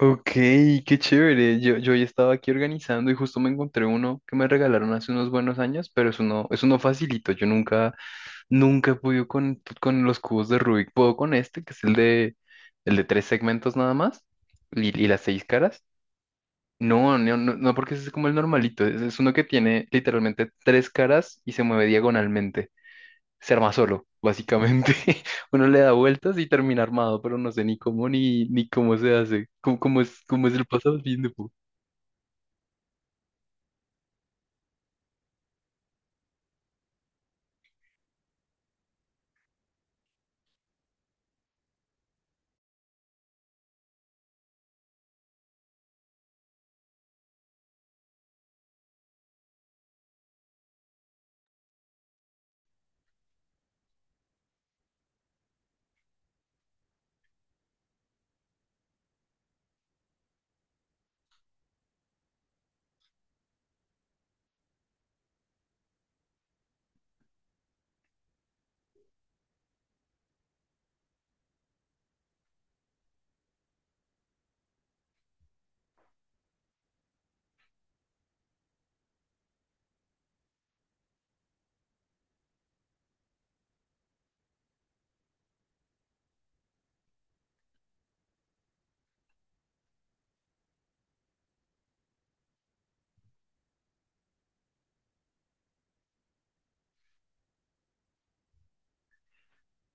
Ok, qué chévere. Yo hoy estaba aquí organizando y justo me encontré uno que me regalaron hace unos buenos años, pero es uno facilito. Yo nunca, nunca he podido con los cubos de Rubik. Puedo con este, que es el de tres segmentos nada más y las seis caras. No, no, no, no, porque ese es como el normalito. Es uno que tiene literalmente tres caras y se mueve diagonalmente, se arma solo, básicamente. Uno le da vueltas y termina armado, pero no sé ni cómo ni, ni cómo se hace, cómo, cómo es el pasatiempo.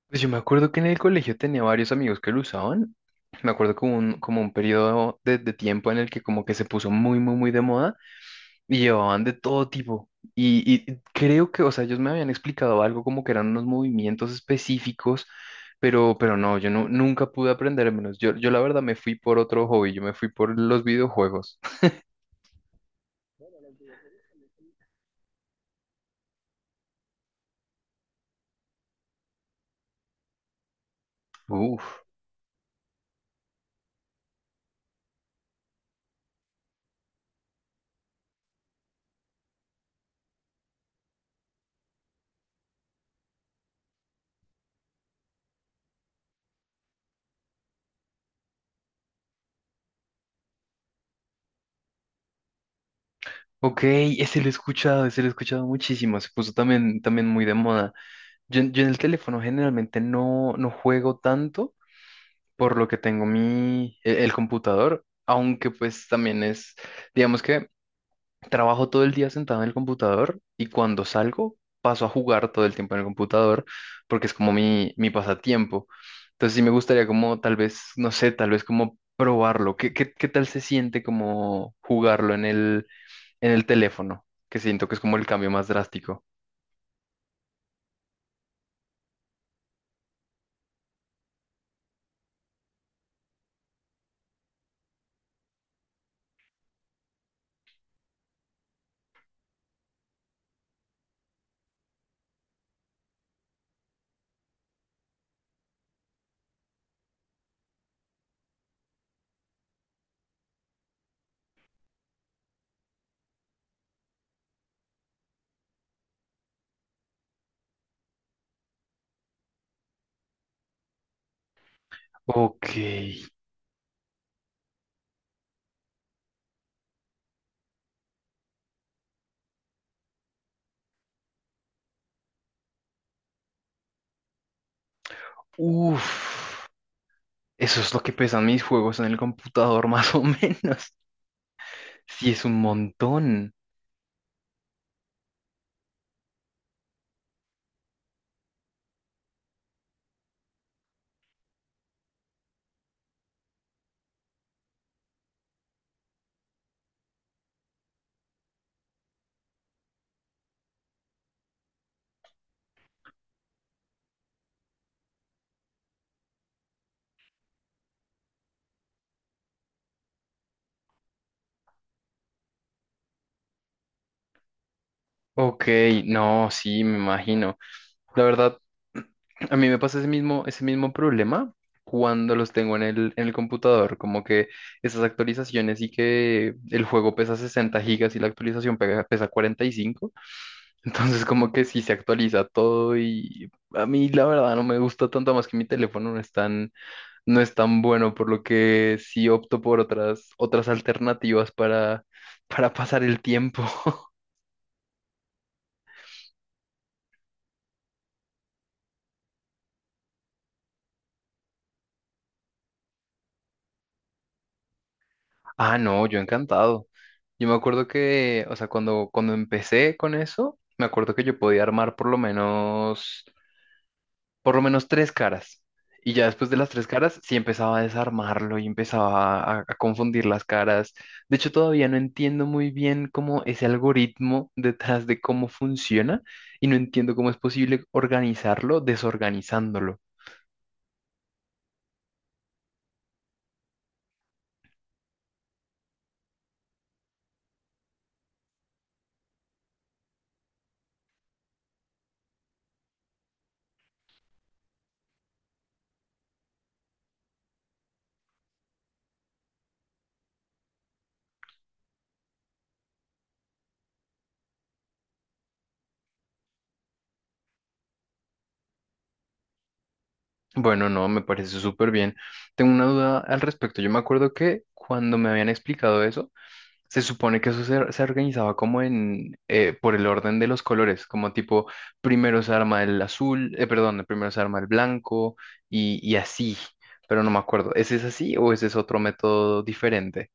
Pues yo me acuerdo que en el colegio tenía varios amigos que lo usaban. Me acuerdo como un periodo de tiempo en el que como que se puso muy, muy, muy de moda y llevaban de todo tipo. Y, y creo que, o sea, ellos me habían explicado algo como que eran unos movimientos específicos, pero no, yo no, nunca pude aprender menos. Yo la verdad me fui por otro hobby, yo me fui por los videojuegos. Uf, ok, ese lo he escuchado, ese lo he escuchado muchísimo, se puso también, también muy de moda. Yo en el teléfono generalmente no, no juego tanto, por lo que tengo mi, el, computador, aunque pues también es, digamos que trabajo todo el día sentado en el computador y cuando salgo paso a jugar todo el tiempo en el computador porque es como mi pasatiempo. Entonces sí me gustaría como tal vez, no sé, tal vez como probarlo. ¿Qué, qué, qué tal se siente como jugarlo en el teléfono, que siento que es como el cambio más drástico? Ok, uff, eso es lo que pesan mis juegos en el computador, más o menos. Sí, es un montón. Ok, no, sí, me imagino. La verdad, a mí me pasa ese mismo problema cuando los tengo en el computador, como que esas actualizaciones y que el juego pesa 60 gigas y la actualización pesa 45. Entonces como que sí se actualiza todo y a mí la verdad no me gusta tanto más que mi teléfono no es tan, no es tan bueno, por lo que sí opto por otras, otras alternativas para, para pasar el tiempo. Ah, no, yo encantado. Yo me acuerdo que, o sea, cuando, cuando empecé con eso, me acuerdo que yo podía armar por lo menos, por lo menos tres caras. Y ya después de las tres caras, sí empezaba a desarmarlo y empezaba a confundir las caras. De hecho, todavía no entiendo muy bien cómo ese algoritmo detrás de cómo funciona, y no entiendo cómo es posible organizarlo desorganizándolo. Bueno, no, me parece súper bien. Tengo una duda al respecto. Yo me acuerdo que cuando me habían explicado eso, se supone que eso se, se organizaba como en, por el orden de los colores, como tipo, primero se arma el azul, perdón, primero se arma el blanco y así, pero no me acuerdo, ¿ese es así o ese es otro método diferente?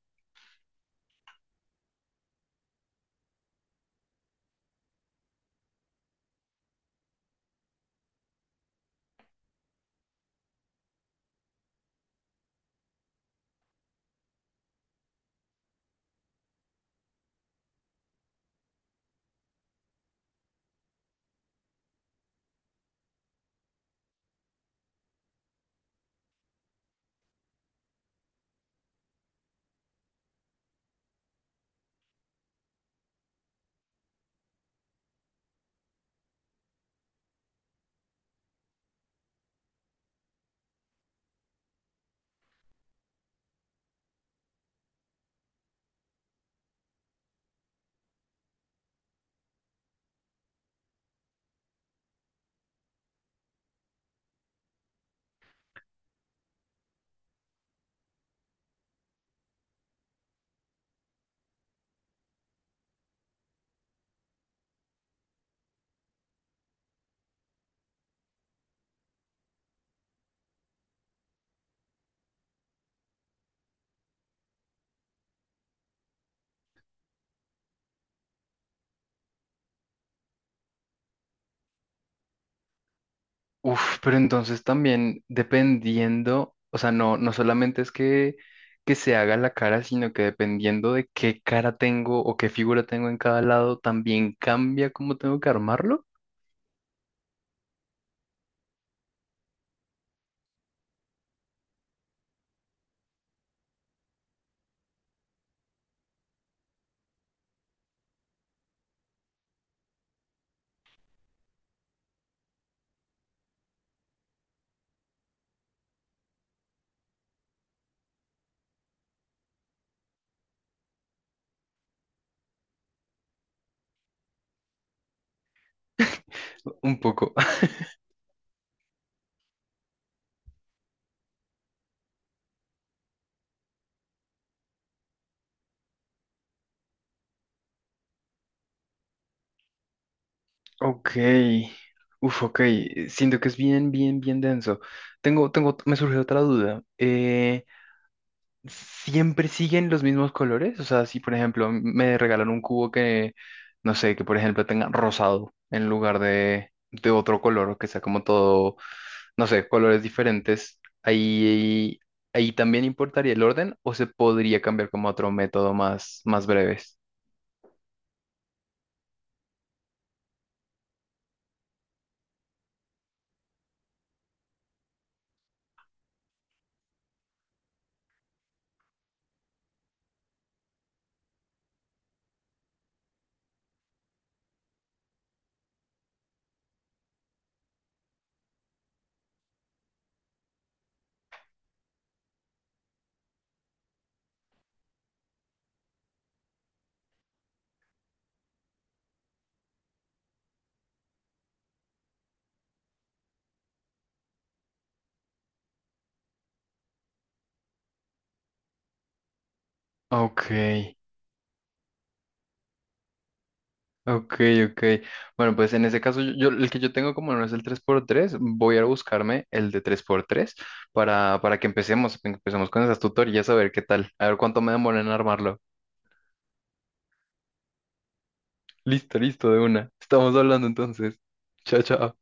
Uf, pero entonces también dependiendo, o sea, no, no solamente es que se haga la cara, sino que dependiendo de qué cara tengo o qué figura tengo en cada lado, también cambia cómo tengo que armarlo. Un poco. Ok, uf, ok, siento que es bien, bien, bien denso. Tengo, tengo, me surge otra duda. ¿Siempre siguen los mismos colores? O sea, si por ejemplo me regalan un cubo que, no sé, que por ejemplo tenga rosado en lugar de otro color, que sea como todo, no sé, colores diferentes, ahí, ahí también importaría el orden o se podría cambiar como a otro método más, más breves. Ok. Ok, ok. Bueno, pues en ese caso, yo, el que yo tengo como no es el tres por tres, voy a buscarme el de tres por tres para que empecemos con esas tutorías a ver qué tal, a ver cuánto me demora en armarlo. Listo, listo, de una. Estamos hablando entonces. Chao, chao.